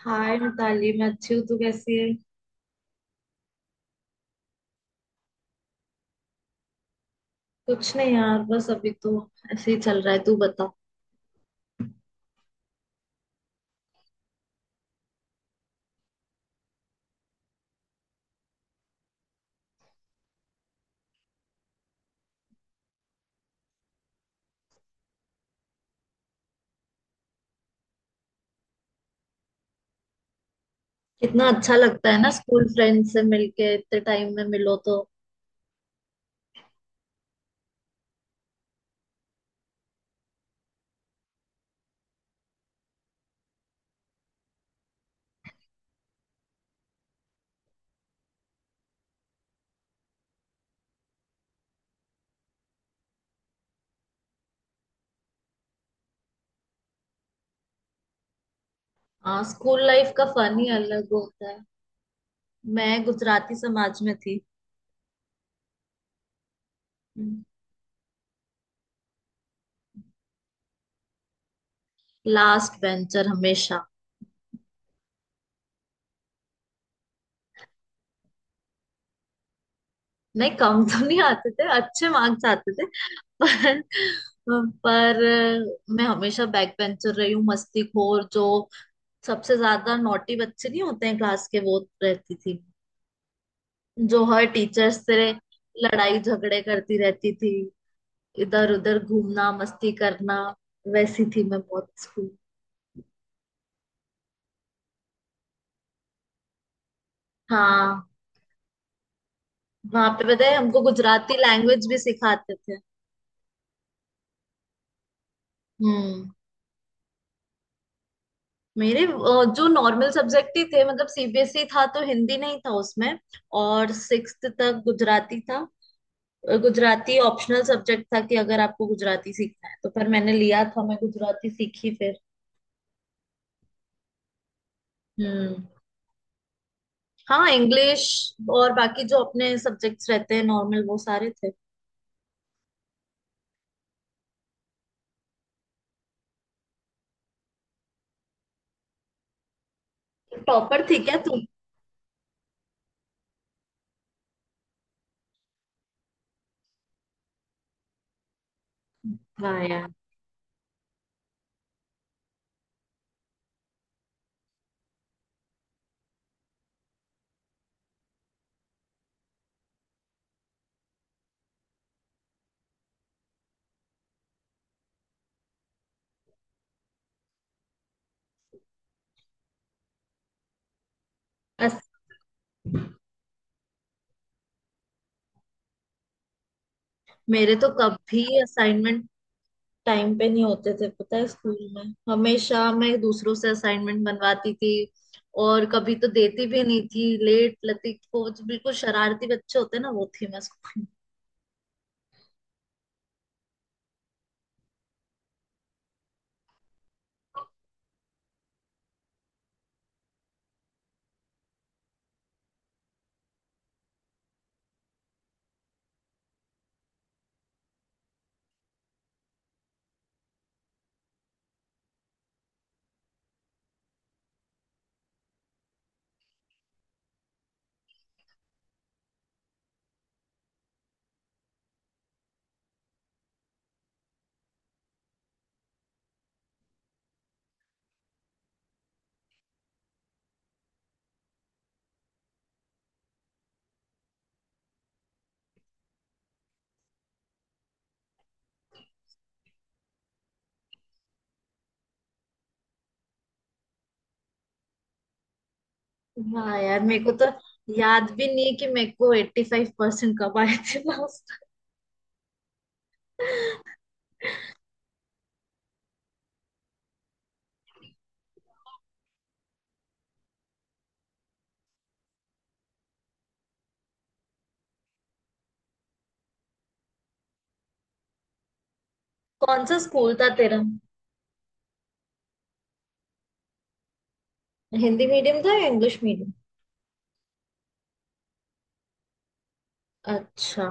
हाय मिताली, मैं अच्छी हूँ। तू कैसी है? कुछ नहीं यार, बस अभी तो ऐसे ही चल रहा है। तू बता। कितना अच्छा लगता है ना स्कूल फ्रेंड से मिलके, इतने टाइम में मिलो तो। हाँ, स्कूल लाइफ का फन ही अलग होता है। मैं गुजराती समाज में थी। लास्ट बेंचर हमेशा। नहीं, कम तो नहीं आते थे, अच्छे मार्क्स आते थे। पर पर मैं हमेशा बैक बेंचर रही हूँ। मस्ती खोर जो सबसे ज्यादा नॉटी बच्चे नहीं होते हैं क्लास के, वो रहती थी। जो हर टीचर से लड़ाई झगड़े करती रहती थी, इधर उधर घूमना, मस्ती करना। वैसी थी मैं बहुत स्कूल। हाँ, वहां पे पता है हमको गुजराती लैंग्वेज भी सिखाते थे। हम्म। मेरे जो नॉर्मल सब्जेक्ट ही थे। मतलब सीबीएसई था तो हिंदी नहीं था उसमें, और 6th तक गुजराती था। गुजराती ऑप्शनल सब्जेक्ट था कि अगर आपको गुजराती सीखना है तो। पर मैंने लिया था, मैं गुजराती सीखी फिर। हम्म। हाँ, इंग्लिश और बाकी जो अपने सब्जेक्ट्स रहते हैं नॉर्मल, वो सारे थे। टॉपर थी क्या तू? वाह यार! अस, मेरे तो कभी असाइनमेंट टाइम पे नहीं होते थे। पता है, स्कूल में हमेशा मैं दूसरों से असाइनमेंट बनवाती थी, और कभी तो देती भी नहीं थी लेट लतीफ को। जो बिल्कुल शरारती बच्चे होते हैं ना, वो थी मैं स्कूल में। वाह यार, मेरे को तो याद भी नहीं है कि मेरे को 85% कब आए थे last। कौन सा स्कूल था तेरा? हिंदी मीडियम था या इंग्लिश मीडियम? अच्छा।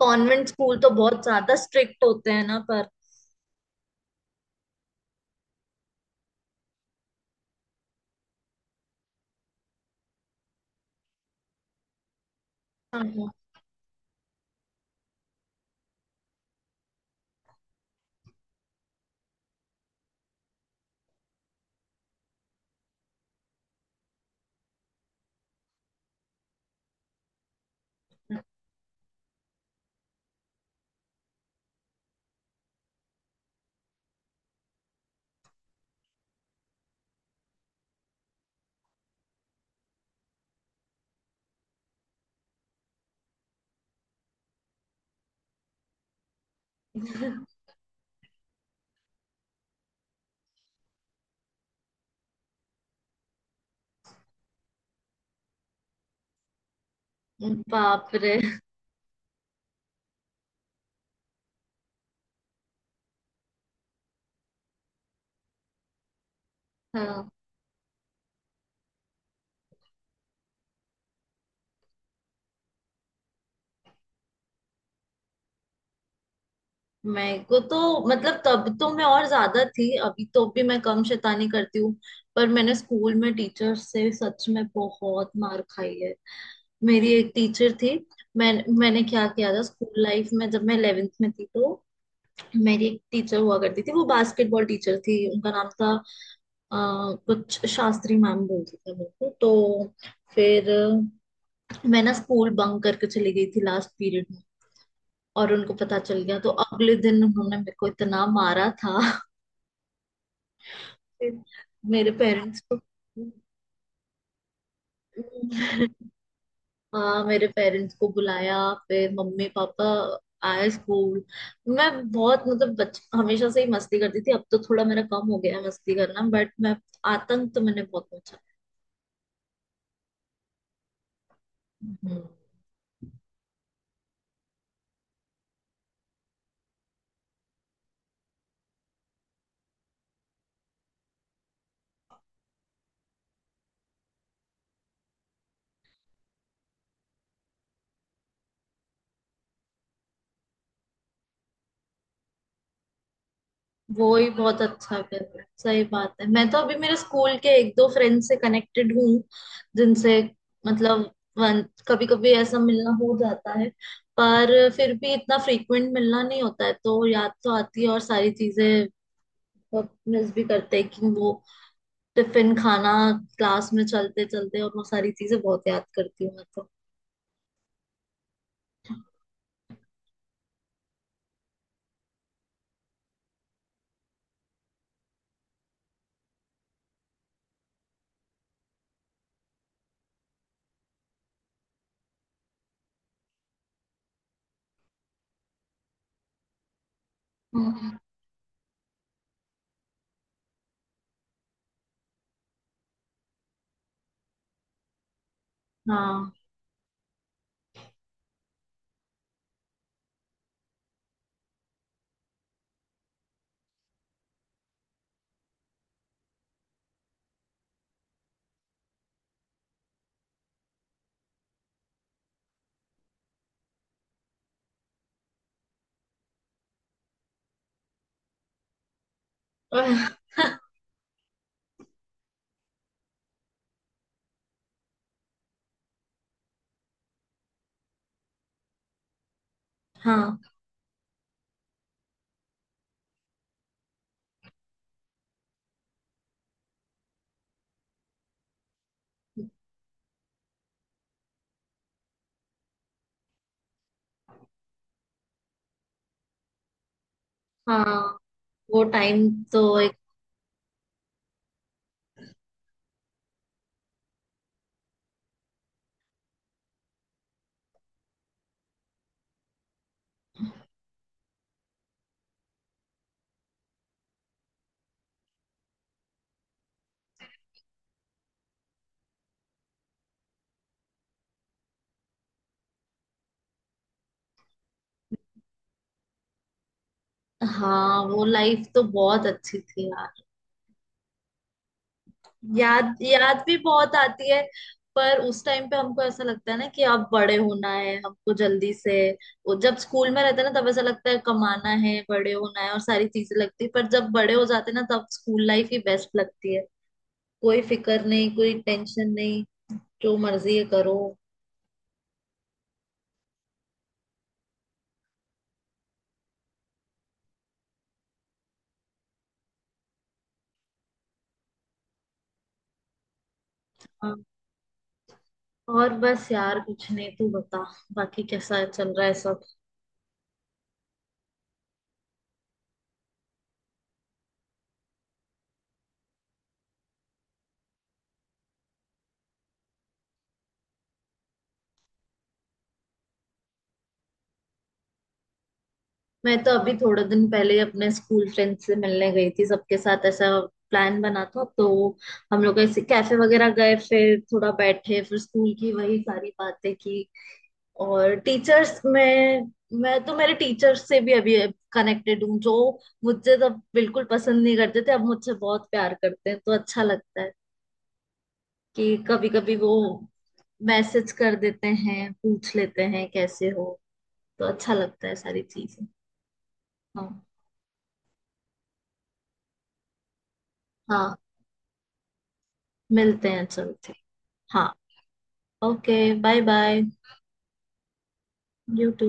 कॉन्वेंट स्कूल तो बहुत ज्यादा स्ट्रिक्ट होते हैं ना पर। हाँ, हाँ। बाप रे! हाँ, मेरे को तो मतलब तब तो मैं और ज्यादा थी। अभी तो भी मैं कम शैतानी करती हूँ, पर मैंने स्कूल में टीचर से सच में बहुत मार खाई है। मेरी एक टीचर थी। मैं मैंने क्या किया था स्कूल लाइफ में, जब मैं 11th में थी तो मेरी एक टीचर हुआ करती थी, वो बास्केटबॉल टीचर थी। उनका नाम था अ, कुछ शास्त्री मैम बोलती थी मेरे को। तो फिर मैं ना स्कूल बंक करके चली गई थी लास्ट पीरियड में, और उनको पता चल गया। तो अगले दिन उन्होंने मेरे को इतना मारा था। फिर मेरे पेरेंट्स को। हाँ, मेरे पेरेंट्स को बुलाया। फिर मम्मी पापा आए स्कूल। मैं बहुत मतलब बच हमेशा से ही मस्ती करती थी। अब तो थोड़ा मेरा कम हो गया है मस्ती करना, बट मैं आतंक तो मैंने बहुत पहुंचा। वो ही बहुत अच्छा कर रहा है, सही बात है। मैं तो अभी मेरे स्कूल के एक दो फ्रेंड से कनेक्टेड हूँ, जिनसे मतलब कभी कभी ऐसा मिलना हो जाता है। पर फिर भी इतना फ्रीक्वेंट मिलना नहीं होता है, तो याद तो आती है, और सारी चीजें मिस भी करते हैं कि वो टिफिन खाना, क्लास में चलते चलते, और वो सारी चीजें बहुत याद करती हूँ मैं तो। हम्म। हाँ। हाँ, हाँ। वो टाइम तो। हाँ, वो लाइफ तो बहुत अच्छी थी यार। याद याद भी बहुत आती है। पर उस टाइम पे हमको ऐसा लगता है ना कि अब बड़े होना है हमको जल्दी से। वो जब स्कूल में रहते हैं ना, तब ऐसा लगता है कमाना है, बड़े होना है, और सारी चीजें लगती है। पर जब बड़े हो जाते हैं ना, तब स्कूल लाइफ ही बेस्ट लगती है। कोई फिक्र नहीं, कोई टेंशन नहीं, जो मर्जी है करो। हाँ, और बस यार, कुछ नहीं। तू बता, बाकी कैसा चल रहा है? मैं तो अभी थोड़े दिन पहले ही अपने स्कूल फ्रेंड से मिलने गई थी सबके साथ। ऐसा प्लान बना था तो हम लोग ऐसे कैफे वगैरह गए, फिर थोड़ा बैठे, फिर स्कूल की वही सारी बातें की और टीचर्स में। मैं तो मेरे टीचर्स से भी अभी कनेक्टेड हूँ, जो मुझे तब बिल्कुल पसंद नहीं करते थे, अब मुझसे बहुत प्यार करते हैं। तो अच्छा लगता है कि कभी कभी वो मैसेज कर देते हैं, पूछ लेते हैं कैसे हो। तो अच्छा लगता है सारी चीजें। हाँ। हाँ, मिलते हैं, चलते हैं। हाँ। Okay. Bye bye. You to.